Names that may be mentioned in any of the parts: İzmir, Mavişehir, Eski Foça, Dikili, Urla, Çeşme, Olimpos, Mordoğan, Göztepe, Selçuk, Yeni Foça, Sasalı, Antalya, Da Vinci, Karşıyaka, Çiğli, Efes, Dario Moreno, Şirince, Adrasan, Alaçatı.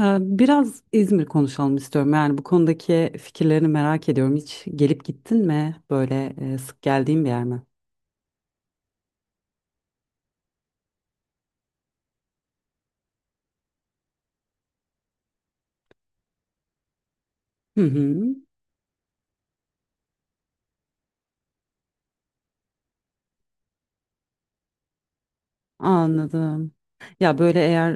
Biraz İzmir konuşalım istiyorum. Yani bu konudaki fikirlerini merak ediyorum. Hiç gelip gittin mi? Böyle sık geldiğin bir yer mi? Hı hı. Anladım. Ya böyle eğer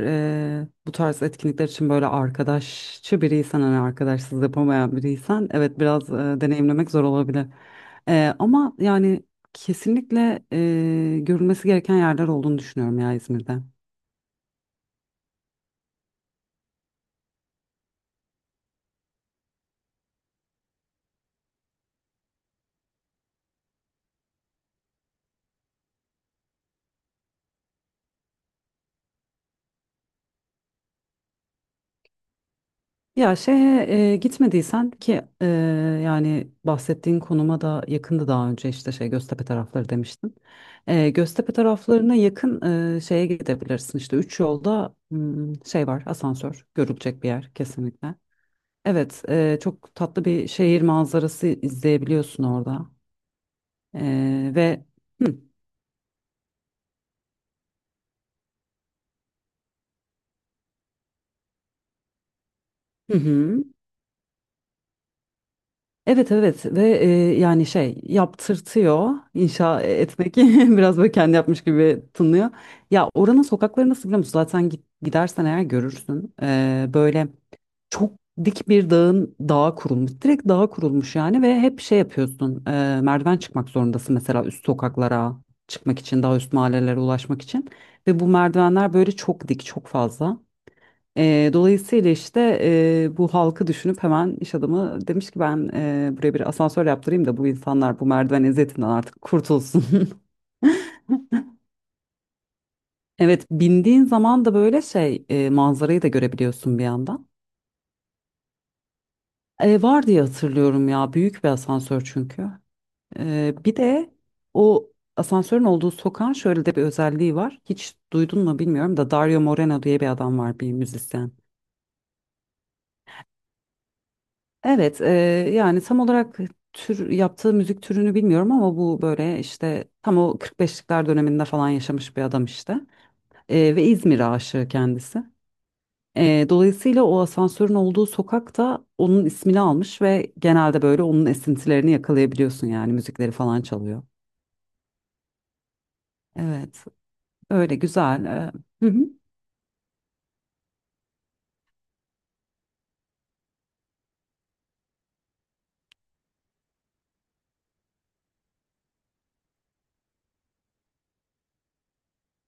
bu tarz etkinlikler için böyle arkadaşçı biriysen hani arkadaşsız yapamayan biriysen evet biraz deneyimlemek zor olabilir. Ama yani kesinlikle görülmesi gereken yerler olduğunu düşünüyorum ya İzmir'de. Ya şeye gitmediysen ki yani bahsettiğin konuma da yakındı daha önce işte şey Göztepe tarafları demiştin. Göztepe taraflarına yakın şeye gidebilirsin işte üç yolda, şey var, asansör, görülecek bir yer kesinlikle. Evet, çok tatlı bir şehir manzarası izleyebiliyorsun orada. Ve hı, hı. Evet evet, ve yani şey yaptırtıyor inşa etmek. Biraz böyle kendi yapmış gibi tınlıyor. Ya oranın sokakları nasıl biliyor musun? Zaten gidersen eğer görürsün. Böyle çok dik bir dağın, dağa kurulmuş, direkt dağa kurulmuş yani, ve hep şey yapıyorsun, merdiven çıkmak zorundasın mesela üst sokaklara çıkmak için, daha üst mahallelere ulaşmak için, ve bu merdivenler böyle çok dik, çok fazla. Dolayısıyla işte bu halkı düşünüp hemen iş adamı demiş ki ben buraya bir asansör yaptırayım da bu insanlar bu merdiven eziyetinden artık kurtulsun. Evet, bindiğin zaman da böyle şey, manzarayı da görebiliyorsun bir yandan. Var diye hatırlıyorum, ya büyük bir asansör çünkü. Bir de o asansörün olduğu sokağın şöyle de bir özelliği var. Hiç duydun mu bilmiyorum da, Dario Moreno diye bir adam var, bir müzisyen. Evet, yani tam olarak yaptığı müzik türünü bilmiyorum ama bu böyle işte tam o 45'likler döneminde falan yaşamış bir adam işte. Ve İzmir aşığı kendisi. Dolayısıyla o asansörün olduğu sokak da onun ismini almış, ve genelde böyle onun esintilerini yakalayabiliyorsun, yani müzikleri falan çalıyor. Evet, öyle güzel. Hı hı,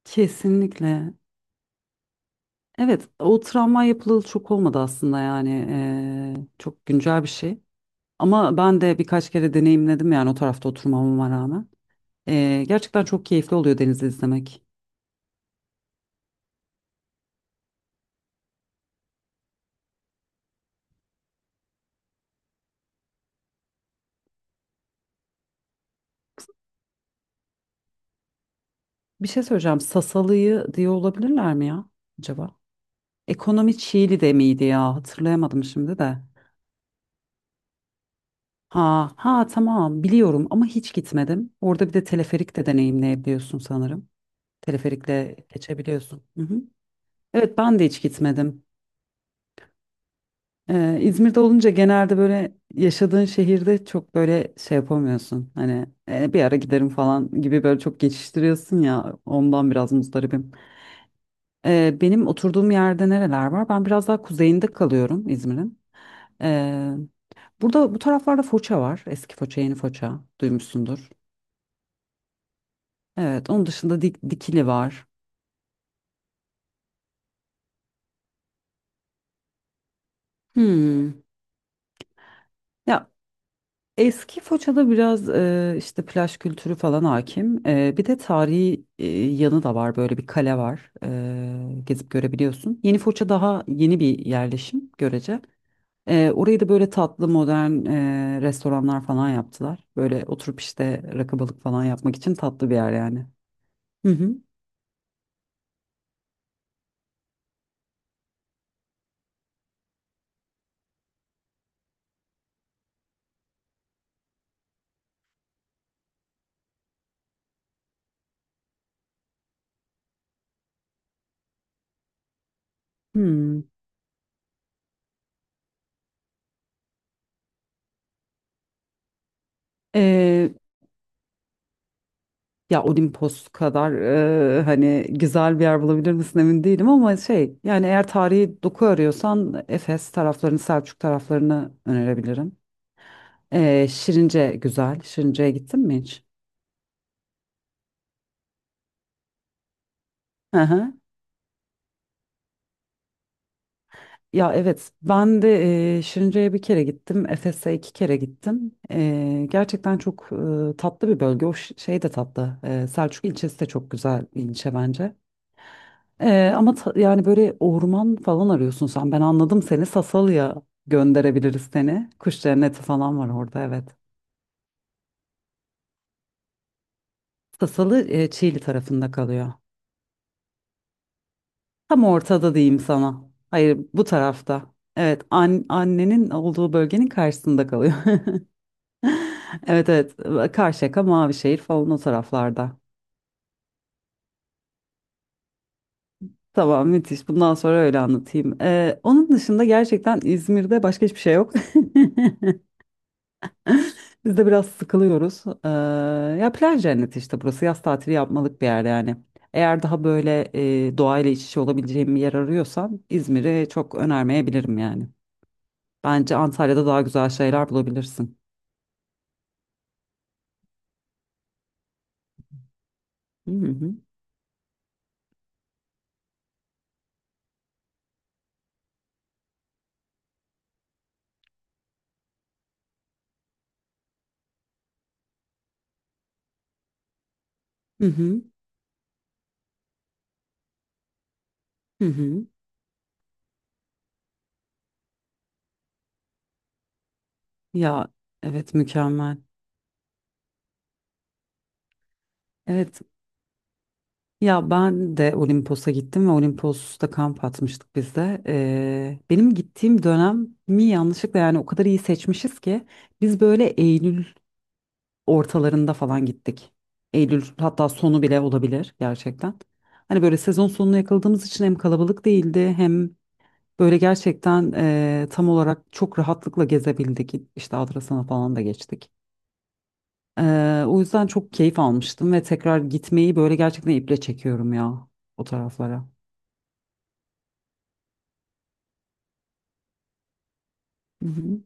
kesinlikle. Evet, o travma yapılalı çok olmadı aslında, yani çok güncel bir şey. Ama ben de birkaç kere deneyimledim, yani o tarafta oturmamama rağmen. Gerçekten çok keyifli oluyor denizi izlemek. Bir şey söyleyeceğim. Sasalı'yı diye olabilirler mi ya acaba? Ekonomi Çiğli de miydi ya? Hatırlayamadım şimdi de. Ha ha, tamam biliyorum ama hiç gitmedim. Orada bir de teleferik de deneyimleyebiliyorsun sanırım. Teleferikle geçebiliyorsun. Hı hı. Evet, ben de hiç gitmedim. İzmir'de olunca genelde böyle yaşadığın şehirde çok böyle şey yapamıyorsun. Hani bir ara giderim" falan gibi böyle çok geçiştiriyorsun ya, ondan biraz muzdaribim. Benim oturduğum yerde nereler var? Ben biraz daha kuzeyinde kalıyorum İzmir'in. Ee, Burada bu taraflarda Foça var. Eski Foça, yeni Foça duymuşsundur. Evet, onun dışında Dikili var. Hmm. Ya Eski Foça'da biraz işte plaj kültürü falan hakim. Bir de tarihi yanı da var. Böyle bir kale var. Gezip görebiliyorsun. Yeni Foça daha yeni bir yerleşim görece. Orayı da böyle tatlı modern restoranlar falan yaptılar. Böyle oturup işte rakı balık falan yapmak için tatlı bir yer yani. Hı hı. Hmm. Ya Olimpos kadar hani güzel bir yer bulabilir misin emin değilim, ama şey yani eğer tarihi doku arıyorsan Efes taraflarını, Selçuk taraflarını önerebilirim. Şirince güzel. Şirince'ye gittin mi hiç? Hı hı. Ya evet, ben de Şirince'ye bir kere gittim. Efes'e iki kere gittim. Gerçekten çok tatlı bir bölge. O şey de tatlı. Selçuk ilçesi de çok güzel bir ilçe bence. Ama yani böyle orman falan arıyorsun sen. Ben anladım seni. Sasalı'ya gönderebiliriz seni. Kuş cenneti falan var orada, evet. Sasalı Çiğli tarafında kalıyor. Tam ortada diyeyim sana. Hayır, bu tarafta. Evet, annenin olduğu bölgenin karşısında kalıyor. Evet evet, Karşıyaka, Mavişehir falan o taraflarda. Tamam, müthiş, bundan sonra öyle anlatayım. Onun dışında gerçekten İzmir'de başka hiçbir şey yok. Biz de biraz sıkılıyoruz. Ya plaj cenneti, işte burası yaz tatili yapmalık bir yer yani. Eğer daha böyle doğayla iç içe olabileceğim bir yer arıyorsan İzmir'i çok önermeyebilirim yani. Bence Antalya'da daha güzel şeyler bulabilirsin. Hı hı. Hı hı. Hı hı. Ya evet, mükemmel. Evet. Ya ben de Olimpos'a gittim ve Olimpos'ta kamp atmıştık biz de. Benim gittiğim dönem mi yanlışlıkla, yani o kadar iyi seçmişiz ki biz böyle Eylül ortalarında falan gittik. Eylül, hatta sonu bile olabilir gerçekten. Hani böyle sezon sonuna yakaladığımız için hem kalabalık değildi hem böyle gerçekten tam olarak çok rahatlıkla gezebildik. İşte Adrasan'a falan da geçtik. O yüzden çok keyif almıştım ve tekrar gitmeyi böyle gerçekten iple çekiyorum ya o taraflara. Hı hı.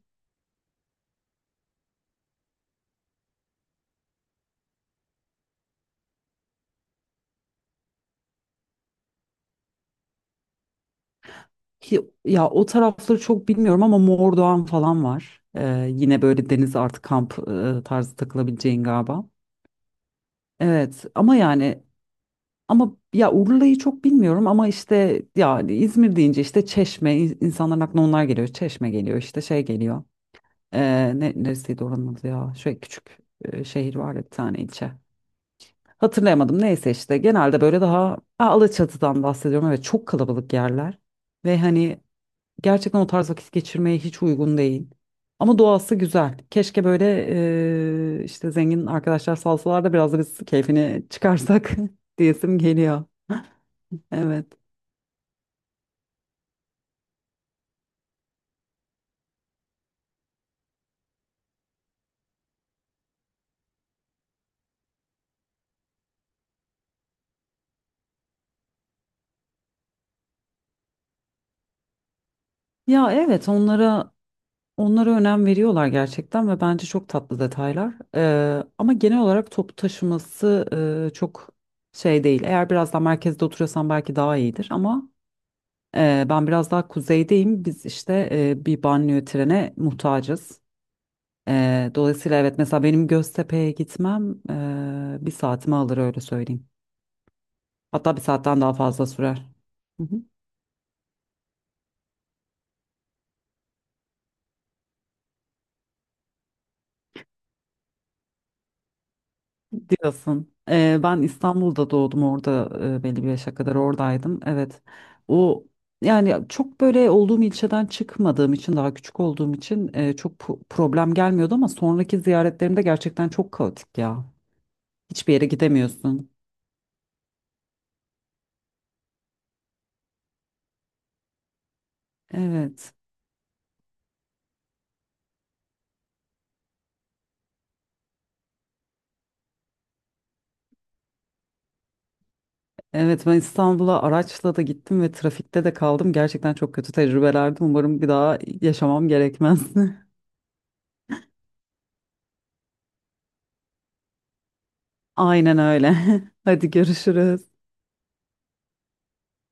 Ya o tarafları çok bilmiyorum ama Mordoğan falan var. Yine böyle deniz artı kamp, tarzı takılabileceğin galiba. Evet ama yani, ama ya Urla'yı çok bilmiyorum ama işte yani İzmir deyince işte Çeşme, insanların aklına onlar geliyor. Çeşme geliyor, işte şey geliyor. Neresiydi oranın adı ya? Şöyle küçük şehir var ya, bir tane ilçe. Hatırlayamadım, neyse işte, genelde böyle daha, aa, Alaçatı'dan bahsediyorum. Evet, çok kalabalık yerler ve hani gerçekten o tarz vakit geçirmeye hiç uygun değil. Ama doğası güzel. Keşke böyle işte zengin arkadaşlar salsalar da biraz da biz keyfini çıkarsak, diyesim geliyor. Evet. Ya evet, onlara önem veriyorlar gerçekten ve bence çok tatlı detaylar. Ama genel olarak toplu taşıması çok şey değil. Eğer biraz daha merkezde oturuyorsan belki daha iyidir, ama ben biraz daha kuzeydeyim. Biz işte bir banliyö trene muhtacız. Dolayısıyla evet, mesela benim Göztepe'ye gitmem bir saatimi alır, öyle söyleyeyim. Hatta bir saatten daha fazla sürer. Diyorsun. Ben İstanbul'da doğdum, orada belli bir yaşa kadar oradaydım. Evet. O, yani çok böyle olduğum ilçeden çıkmadığım için, daha küçük olduğum için çok problem gelmiyordu, ama sonraki ziyaretlerimde gerçekten çok kaotik ya. Hiçbir yere gidemiyorsun. Evet. Evet, ben İstanbul'a araçla da gittim ve trafikte de kaldım. Gerçekten çok kötü tecrübelerdi. Umarım bir daha yaşamam gerekmez. Aynen öyle. Hadi görüşürüz.